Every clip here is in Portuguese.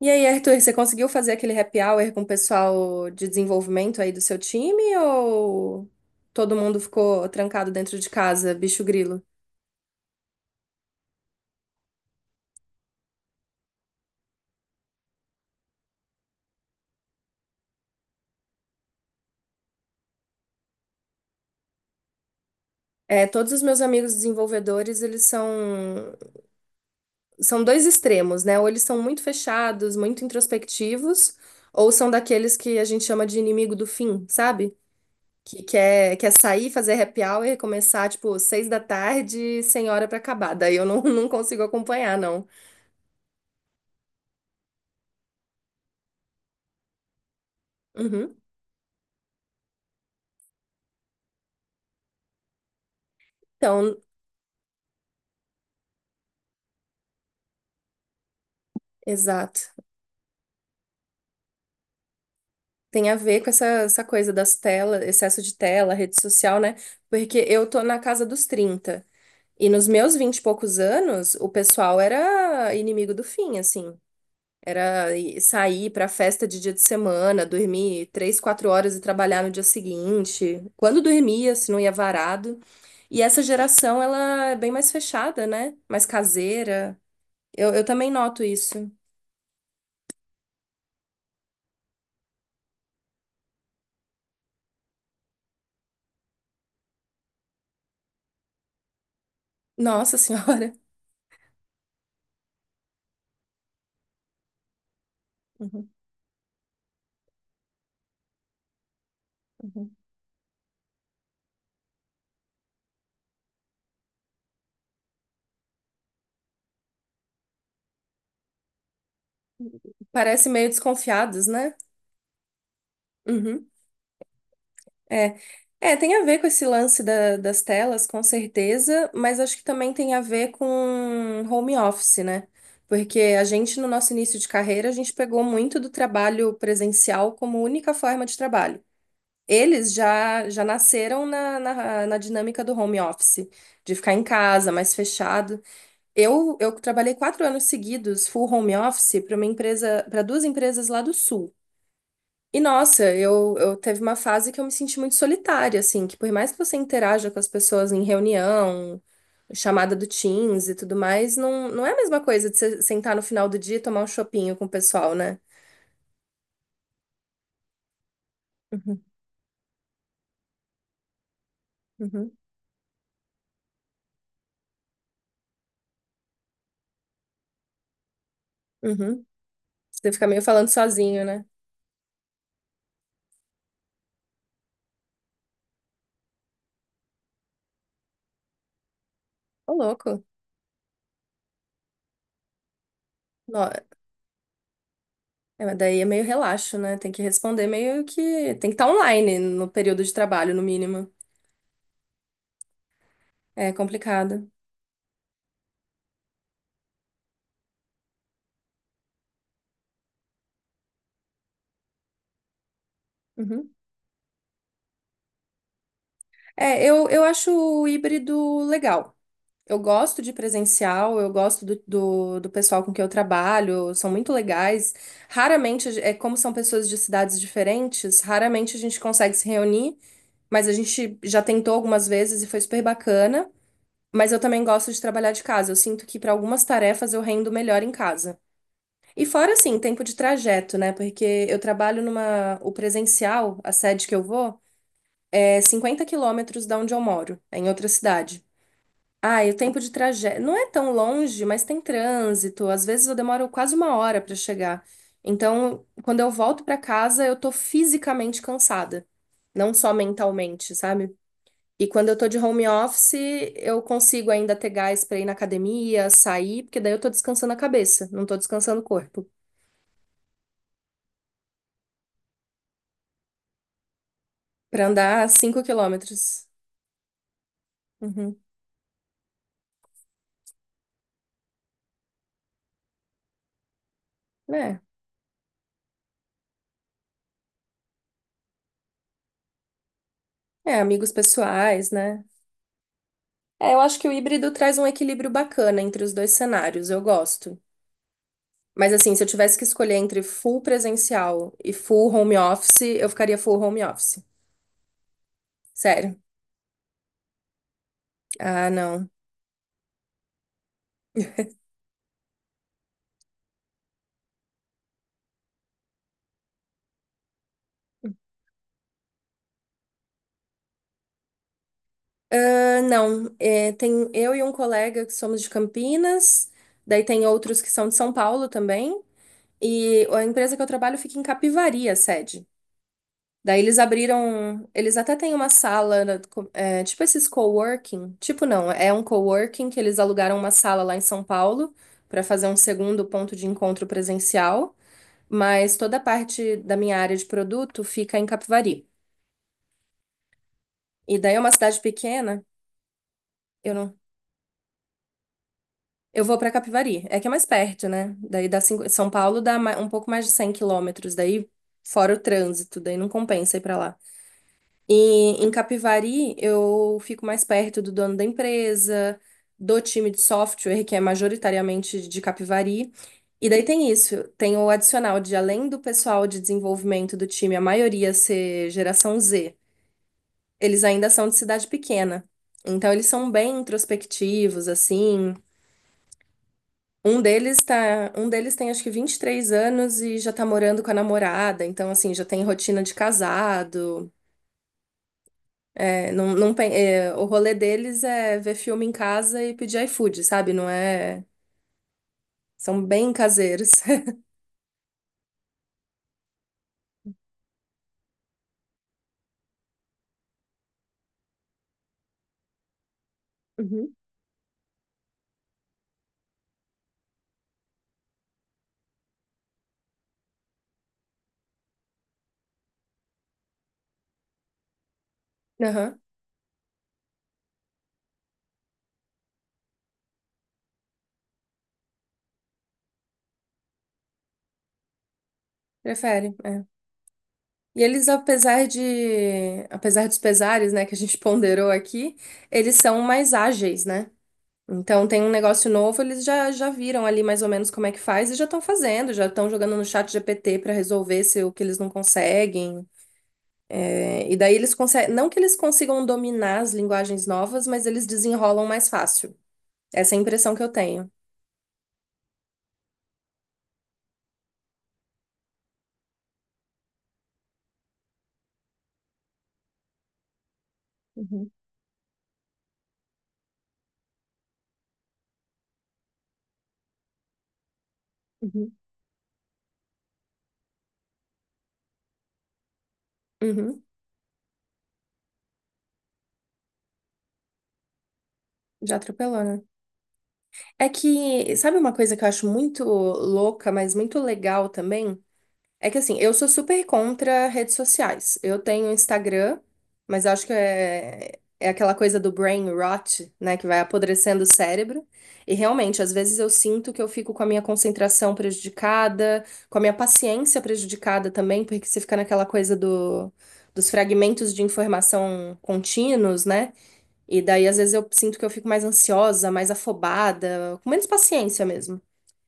E aí, Arthur, você conseguiu fazer aquele happy hour com o pessoal de desenvolvimento aí do seu time ou todo mundo ficou trancado dentro de casa, bicho grilo? É, todos os meus amigos desenvolvedores, eles são dois extremos, né? Ou eles são muito fechados, muito introspectivos, ou são daqueles que a gente chama de inimigo do fim, sabe? Que quer sair, fazer happy hour e começar, tipo, seis da tarde, sem hora pra acabar. Daí eu não, não consigo acompanhar, não. Uhum. Então, exato. Tem a ver com essa coisa das telas, excesso de tela, rede social, né? Porque eu tô na casa dos 30. E nos meus 20 e poucos anos, o pessoal era inimigo do fim, assim. Sair pra festa de dia de semana, dormir três, quatro horas e trabalhar no dia seguinte. Quando dormia, se não ia varado. E essa geração, ela é bem mais fechada, né? Mais caseira. Eu também noto isso. Nossa Senhora. Uhum, uhum. Parece meio desconfiados, né? Uhum. É, é, tem a ver com esse das telas, com certeza, mas acho que também tem a ver com home office, né? Porque a gente, no nosso início de carreira, a gente pegou muito do trabalho presencial como única forma de trabalho. Eles já nasceram na dinâmica do home office, de ficar em casa, mais fechado. Eu trabalhei 4 anos seguidos, full home office, para uma empresa, para duas empresas lá do sul. E nossa, eu teve uma fase que eu me senti muito solitária, assim, que por mais que você interaja com as pessoas em reunião, chamada do Teams e tudo mais, não, não é a mesma coisa de você sentar no final do dia e tomar um chopinho com o pessoal, né? Uhum, uhum, uhum. Você fica meio falando sozinho, né? Ô, louco. Nó- É, mas daí é meio relaxo, né? Tem que responder meio que. Tem que estar online no período de trabalho, no mínimo. É complicado. Uhum. É, eu acho o híbrido legal. Eu gosto de presencial, eu gosto do pessoal com que eu trabalho, são muito legais. Raramente, é como são pessoas de cidades diferentes, raramente a gente consegue se reunir, mas a gente já tentou algumas vezes e foi super bacana. Mas eu também gosto de trabalhar de casa, eu sinto que para algumas tarefas eu rendo melhor em casa. E fora, assim, tempo de trajeto, né? Porque eu trabalho numa. O presencial, a sede que eu vou, é 50 quilômetros da onde eu moro, é em outra cidade. Ah, e o tempo de trajeto não é tão longe, mas tem trânsito. Às vezes eu demoro quase uma hora para chegar. Então, quando eu volto para casa, eu tô fisicamente cansada, não só mentalmente, sabe? E quando eu tô de home office, eu consigo ainda ter gás para ir na academia, sair, porque daí eu tô descansando a cabeça, não tô descansando o corpo. Para andar 5 quilômetros. Uhum. É. É, amigos pessoais, né? É, eu acho que o híbrido traz um equilíbrio bacana entre os dois cenários. Eu gosto. Mas assim, se eu tivesse que escolher entre full presencial e full home office, eu ficaria full home office. Sério. Ah, não. Ah, não. É, tem eu e um colega que somos de Campinas, daí tem outros que são de São Paulo também, e a empresa que eu trabalho fica em Capivari, a sede. Daí eles abriram, eles até têm uma sala, né, é, tipo esses coworking, tipo não, é um coworking que eles alugaram uma sala lá em São Paulo para fazer um segundo ponto de encontro presencial. Mas toda a parte da minha área de produto fica em Capivari. E daí é uma cidade pequena, eu não, eu vou para Capivari, é que é mais perto, né? Daí São Paulo um pouco mais de 100 quilômetros, daí fora o trânsito, daí não compensa ir para lá. E em Capivari eu fico mais perto do dono da empresa, do time de software, que é majoritariamente de Capivari. E daí tem isso, tem o adicional de além do pessoal de desenvolvimento do time, a maioria ser geração Z. Eles ainda são de cidade pequena. Então eles são bem introspectivos assim. Um deles tem acho que 23 anos e já tá morando com a namorada, então assim, já tem rotina de casado. É, não, não, é, o rolê deles é ver filme em casa e pedir iFood, sabe? Não é, são bem caseiros. Uhum. Aham, prefere. É. E eles, apesar de, apesar dos pesares, né, que a gente ponderou aqui, eles são mais ágeis, né? Então tem um negócio novo, eles já viram ali mais ou menos como é que faz e já estão fazendo, já estão jogando no chat GPT para resolver se o que eles não conseguem. É, e daí eles conseguem, não que eles consigam dominar as linguagens novas, mas eles desenrolam mais fácil. Essa é a impressão que eu tenho. Uhum, uhum. Uhum, já atropelou, né? É que, sabe uma coisa que eu acho muito louca, mas muito legal também? É que assim, eu sou super contra redes sociais. Eu tenho Instagram, mas acho que é, é aquela coisa do brain rot, né, que vai apodrecendo o cérebro. E realmente, às vezes eu sinto que eu fico com a minha concentração prejudicada, com a minha paciência prejudicada também, porque você fica naquela coisa do, dos fragmentos de informação contínuos, né? E daí, às vezes, eu sinto que eu fico mais ansiosa, mais afobada, com menos paciência mesmo.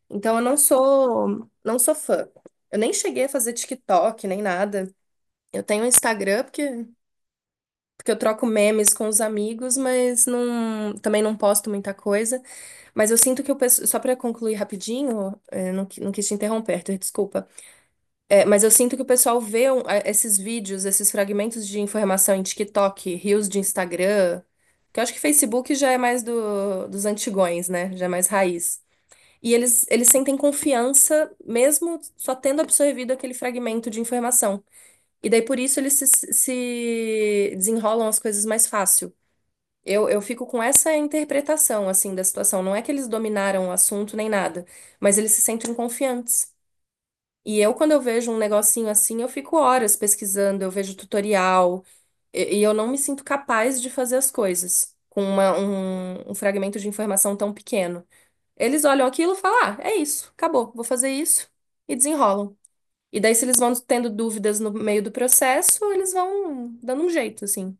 Então eu não sou fã. Eu nem cheguei a fazer TikTok nem nada. Eu tenho um Instagram porque, porque eu troco memes com os amigos, mas não, também não posto muita coisa. Mas eu sinto que o pessoal, só para concluir rapidinho, eh, não, não quis te interromper, Arthur, desculpa. Eh, mas eu sinto que o pessoal vê esses vídeos, esses fragmentos de informação em TikTok, reels de Instagram, que eu acho que Facebook já é mais do, dos antigões, né? Já é mais raiz. E eles sentem confiança mesmo só tendo absorvido aquele fragmento de informação. E daí por isso eles se, se desenrolam as coisas mais fácil. Eu fico com essa interpretação assim da situação. Não é que eles dominaram o assunto nem nada, mas eles se sentem confiantes. E eu, quando eu vejo um negocinho assim, eu fico horas pesquisando, eu vejo tutorial, e eu não me sinto capaz de fazer as coisas com uma, um fragmento de informação tão pequeno. Eles olham aquilo e falam: ah, é isso, acabou, vou fazer isso, e desenrolam. E daí, se eles vão tendo dúvidas no meio do processo, eles vão dando um jeito, assim.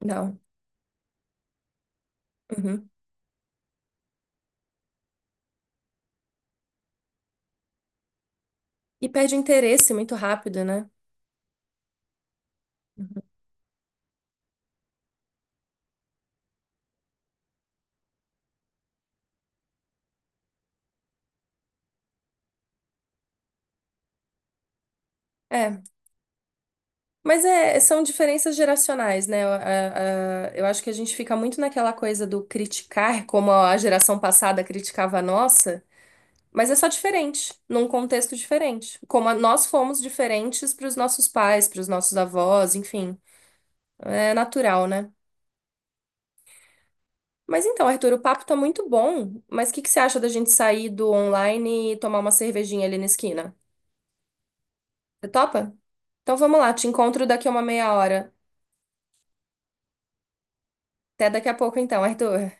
Não. Uhum. E perde interesse muito rápido, né? Uhum. É, mas é, são diferenças geracionais, né? Eu, eu acho que a gente fica muito naquela coisa do criticar, como a geração passada criticava a nossa, mas é só diferente, num contexto diferente. Como nós fomos diferentes para os nossos pais, para os nossos avós, enfim. É natural, né? Mas então, Arthur, o papo tá muito bom, mas o que que você acha da gente sair do online e tomar uma cervejinha ali na esquina? Você topa? Então vamos lá, te encontro daqui a uma meia hora. Até daqui a pouco então, Arthur.